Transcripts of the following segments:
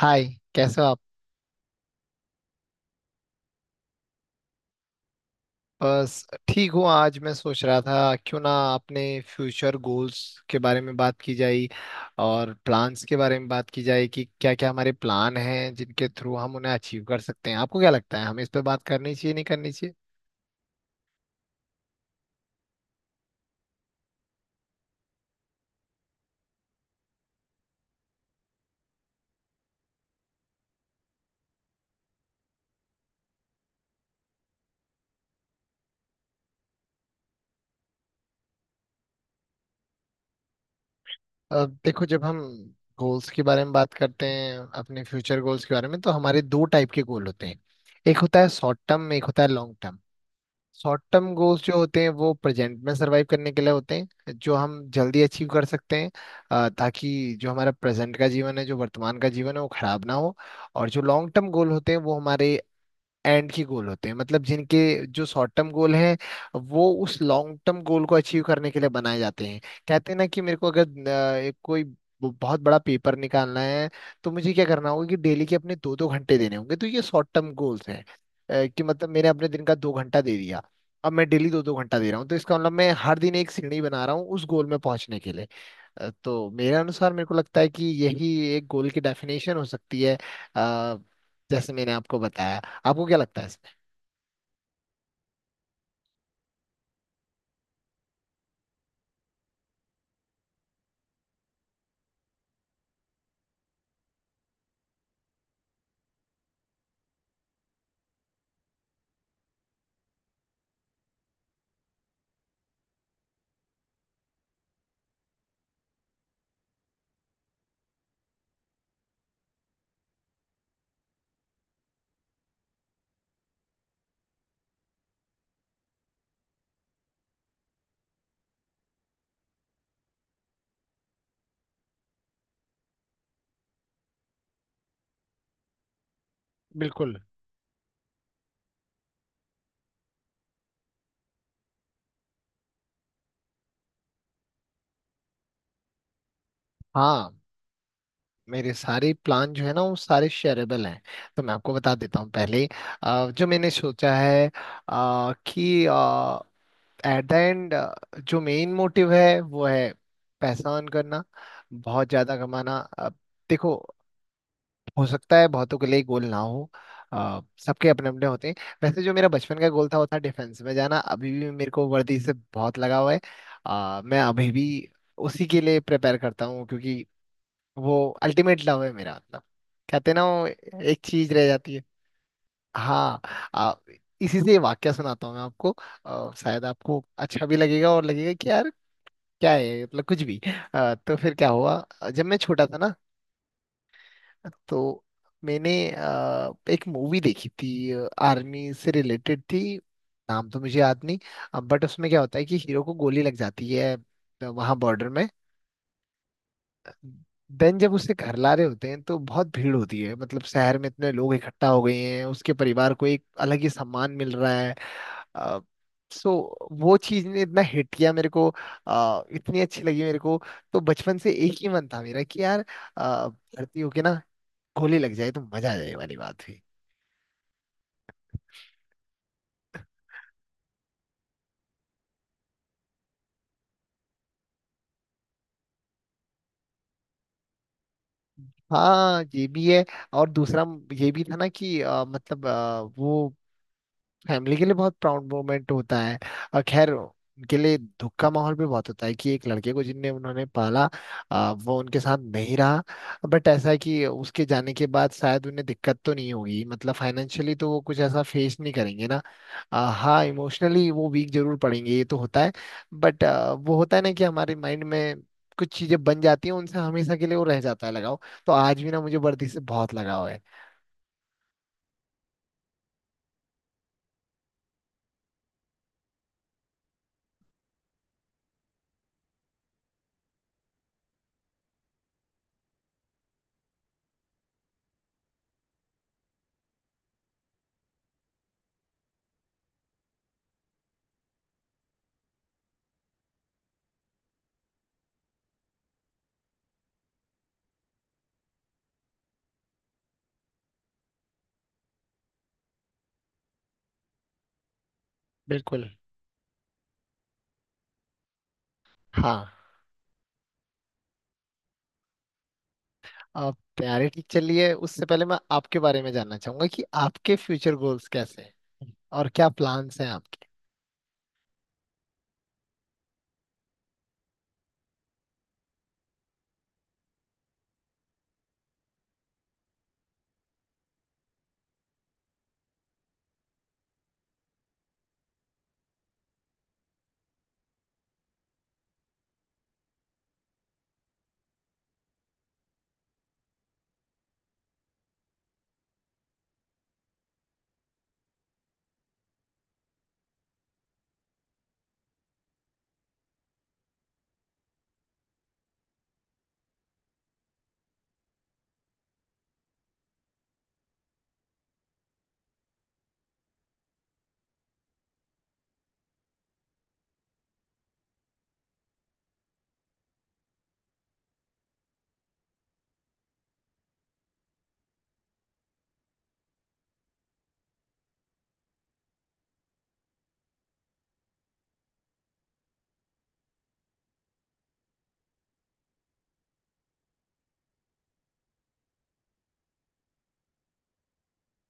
हाय। कैसे हो आप? बस ठीक हूँ। आज मैं सोच रहा था, क्यों ना अपने फ्यूचर गोल्स के बारे में बात की जाए, और प्लान्स के बारे में बात की जाए कि क्या क्या हमारे प्लान हैं जिनके थ्रू हम उन्हें अचीव कर सकते हैं। आपको क्या लगता है, हमें इस पे बात करनी चाहिए नहीं करनी चाहिए? देखो, जब हम गोल्स के बारे में बात करते हैं, अपने फ्यूचर गोल्स के बारे में, तो हमारे दो टाइप के गोल होते हैं। एक होता है शॉर्ट टर्म, एक होता है long term. Short term goals जो होते हैं वो प्रेजेंट में सरवाइव करने के लिए होते हैं, जो हम जल्दी अचीव कर सकते हैं, ताकि जो हमारा प्रेजेंट का जीवन है, जो वर्तमान का जीवन है, वो खराब ना हो। और जो लॉन्ग टर्म गोल होते हैं वो हमारे एंड की गोल होते हैं, मतलब जिनके, जो शॉर्ट टर्म गोल हैं वो उस लॉन्ग टर्म गोल को अचीव करने के लिए बनाए जाते हैं। कहते हैं ना कि मेरे को अगर एक कोई बहुत बड़ा पेपर निकालना है, तो मुझे क्या करना होगा कि डेली के अपने दो दो घंटे देने होंगे। तो ये शॉर्ट टर्म गोल्स हैं। कि मतलब मैंने अपने दिन का दो घंटा दे दिया, अब मैं डेली दो दो घंटा दे रहा हूँ, तो इसका मतलब मैं हर दिन एक सीढ़ी बना रहा हूँ उस गोल में पहुंचने के लिए। तो मेरे अनुसार मेरे को लगता है कि यही एक गोल की डेफिनेशन हो सकती है। अ, जैसे मैंने आपको बताया, आपको क्या लगता है इसमें? बिल्कुल। हाँ, मेरे सारे प्लान जो है ना वो सारे शेयरेबल हैं, तो मैं आपको बता देता हूँ पहले ही, जो मैंने सोचा है, कि एट द एंड जो मेन मोटिव है वो है पैसा अर्न करना, बहुत ज्यादा कमाना। देखो, हो सकता है बहुतों के लिए गोल ना हो, अ, सबके अपने अपने होते हैं। वैसे, जो मेरा बचपन का गोल था वो था डिफेंस में जाना। अभी भी मेरे को वर्दी से बहुत लगाव है। मैं अभी भी उसी के लिए प्रिपेयर करता हूँ, क्योंकि वो अल्टीमेट लव है मेरा, मतलब कहते हैं ना वो एक चीज रह जाती है। हाँ। अ, इसी से ये वाक्य सुनाता हूँ मैं आपको। शायद आपको अच्छा भी लगेगा, और लगेगा कि यार क्या है मतलब कुछ भी। तो फिर क्या हुआ, जब मैं छोटा था ना, तो मैंने एक मूवी देखी थी, आर्मी से रिलेटेड थी। नाम तो मुझे याद नहीं, बट उसमें क्या होता है कि हीरो को गोली लग जाती है वहां बॉर्डर में। देन जब उसे घर ला रहे होते हैं तो बहुत भीड़ होती है, मतलब शहर में इतने लोग इकट्ठा हो गए हैं, उसके परिवार को एक अलग ही सम्मान मिल रहा है। अ, सो वो चीज ने इतना हिट किया मेरे को, इतनी अच्छी लगी मेरे को, तो बचपन से एक ही मन था मेरा कि यार भर्ती होके ना गोली लग जाए तो मजा आ जाए, वाली बात हुई। हाँ, ये भी है। और दूसरा, ये भी था ना कि मतलब वो फैमिली के लिए बहुत प्राउड मोमेंट होता है। और खैर, उनके लिए दुख का माहौल भी बहुत होता है कि एक लड़के को जिनने उन्होंने पाला, वो उनके साथ नहीं रहा। बट ऐसा है कि उसके जाने के बाद शायद उन्हें दिक्कत तो नहीं होगी, मतलब फाइनेंशियली तो वो कुछ ऐसा फेस नहीं करेंगे ना। हाँ, इमोशनली वो वीक जरूर पड़ेंगे, ये तो होता है। बट वो होता है ना कि हमारे माइंड में कुछ चीजें बन जाती हैं, उनसे हमेशा के लिए वो रह जाता है लगाव। तो आज भी ना मुझे वर्दी से बहुत लगाव है। बिल्कुल। हाँ, आप तैयारी ठीक चल रही है। उससे पहले मैं आपके बारे में जानना चाहूंगा कि आपके फ्यूचर गोल्स कैसे हैं, और क्या प्लान्स हैं आपके।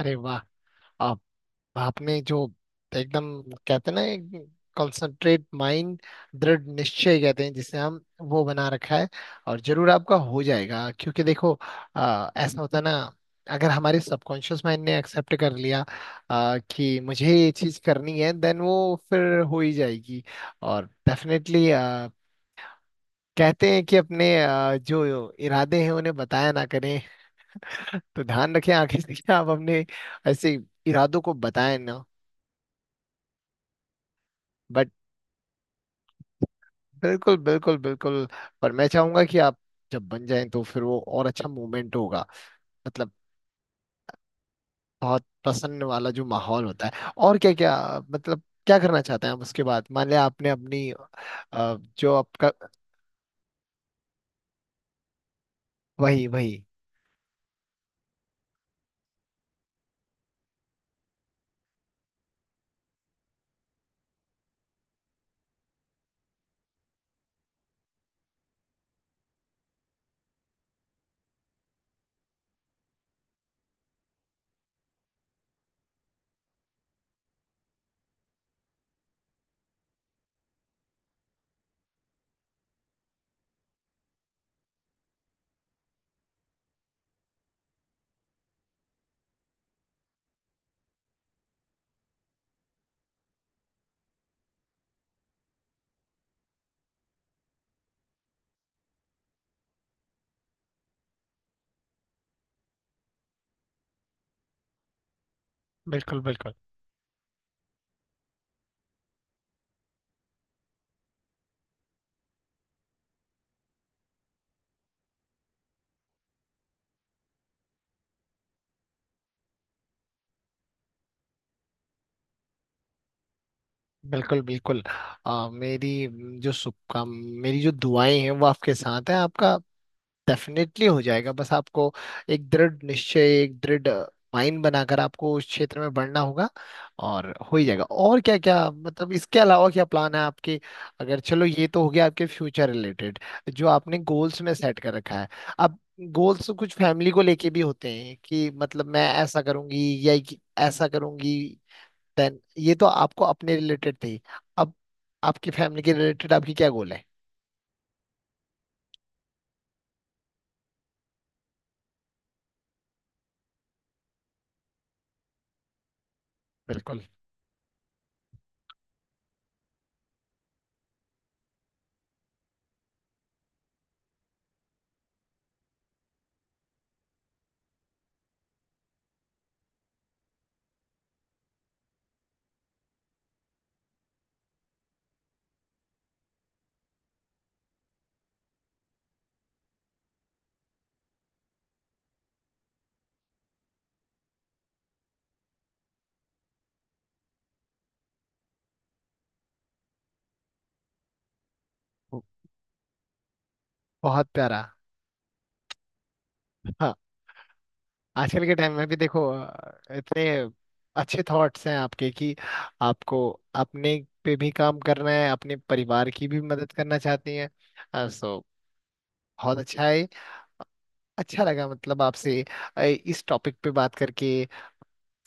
अरे वाह! आप, आपने जो एकदम, कहते हैं ना, कंसंट्रेट माइंड, दृढ़ निश्चय कहते हैं जिसे हम, वो बना रखा है। और जरूर आपका हो जाएगा, क्योंकि देखो ऐसा होता है ना, अगर हमारे सबकॉन्शियस माइंड ने एक्सेप्ट कर लिया कि मुझे ये चीज करनी है, देन वो फिर हो ही जाएगी। और डेफिनेटली कहते हैं कि अपने जो इरादे हैं उन्हें बताया ना करें। तो ध्यान रखें आगे से कि आप अपने ऐसे इरादों को बताएं ना। बट बिल्कुल, बिल्कुल, बिल्कुल। पर मैं चाहूंगा कि आप जब बन जाएं तो फिर वो और अच्छा मूवमेंट होगा, मतलब बहुत प्रसन्न वाला जो माहौल होता है। और क्या क्या, मतलब क्या करना चाहते हैं आप उसके बाद, मान लिया आपने अपनी जो आपका, वही वही। बिल्कुल, बिल्कुल, बिल्कुल, बिल्कुल। मेरी जो शुभकाम मेरी जो दुआएं हैं वो आपके साथ हैं। आपका डेफिनेटली हो जाएगा, बस आपको एक दृढ़ निश्चय, एक दृढ़ माइंड बनाकर आपको उस क्षेत्र में बढ़ना होगा, और हो ही जाएगा। और क्या क्या मतलब, इसके अलावा क्या प्लान है आपके? अगर, चलो ये तो हो गया आपके फ्यूचर रिलेटेड जो आपने गोल्स में सेट कर रखा है। अब गोल्स कुछ फैमिली को लेके भी होते हैं कि मतलब मैं ऐसा करूंगी या ये- ऐसा करूंगी। देन ये तो आपको अपने रिलेटेड थी, अब आपकी फैमिली के रिलेटेड आपकी क्या गोल है? बिल्कुल। बहुत प्यारा। हाँ। आजकल के टाइम में भी देखो, इतने अच्छे थॉट्स हैं आपके कि आपको अपने पे भी काम करना है, अपने परिवार की भी मदद करना चाहती हैं। सो बहुत अच्छा है। अच्छा लगा, मतलब आपसे इस टॉपिक पे बात करके।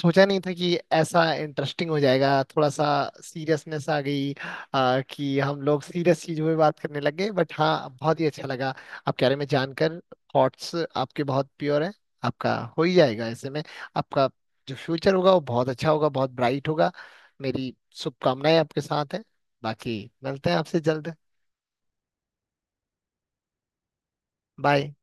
सोचा नहीं था कि ऐसा इंटरेस्टिंग हो जाएगा। थोड़ा सा सीरियसनेस आ गई कि हम लोग सीरियस चीजों पे बात करने लग गए, बट हाँ, बहुत ही अच्छा लगा आपके बारे में जानकर। थॉट्स आपके बहुत प्योर हैं, आपका हो ही जाएगा ऐसे में। आपका जो फ्यूचर होगा वो बहुत अच्छा होगा, बहुत ब्राइट होगा। मेरी शुभकामनाएं आपके साथ हैं। बाकी मिलते हैं आपसे जल्द। बाय।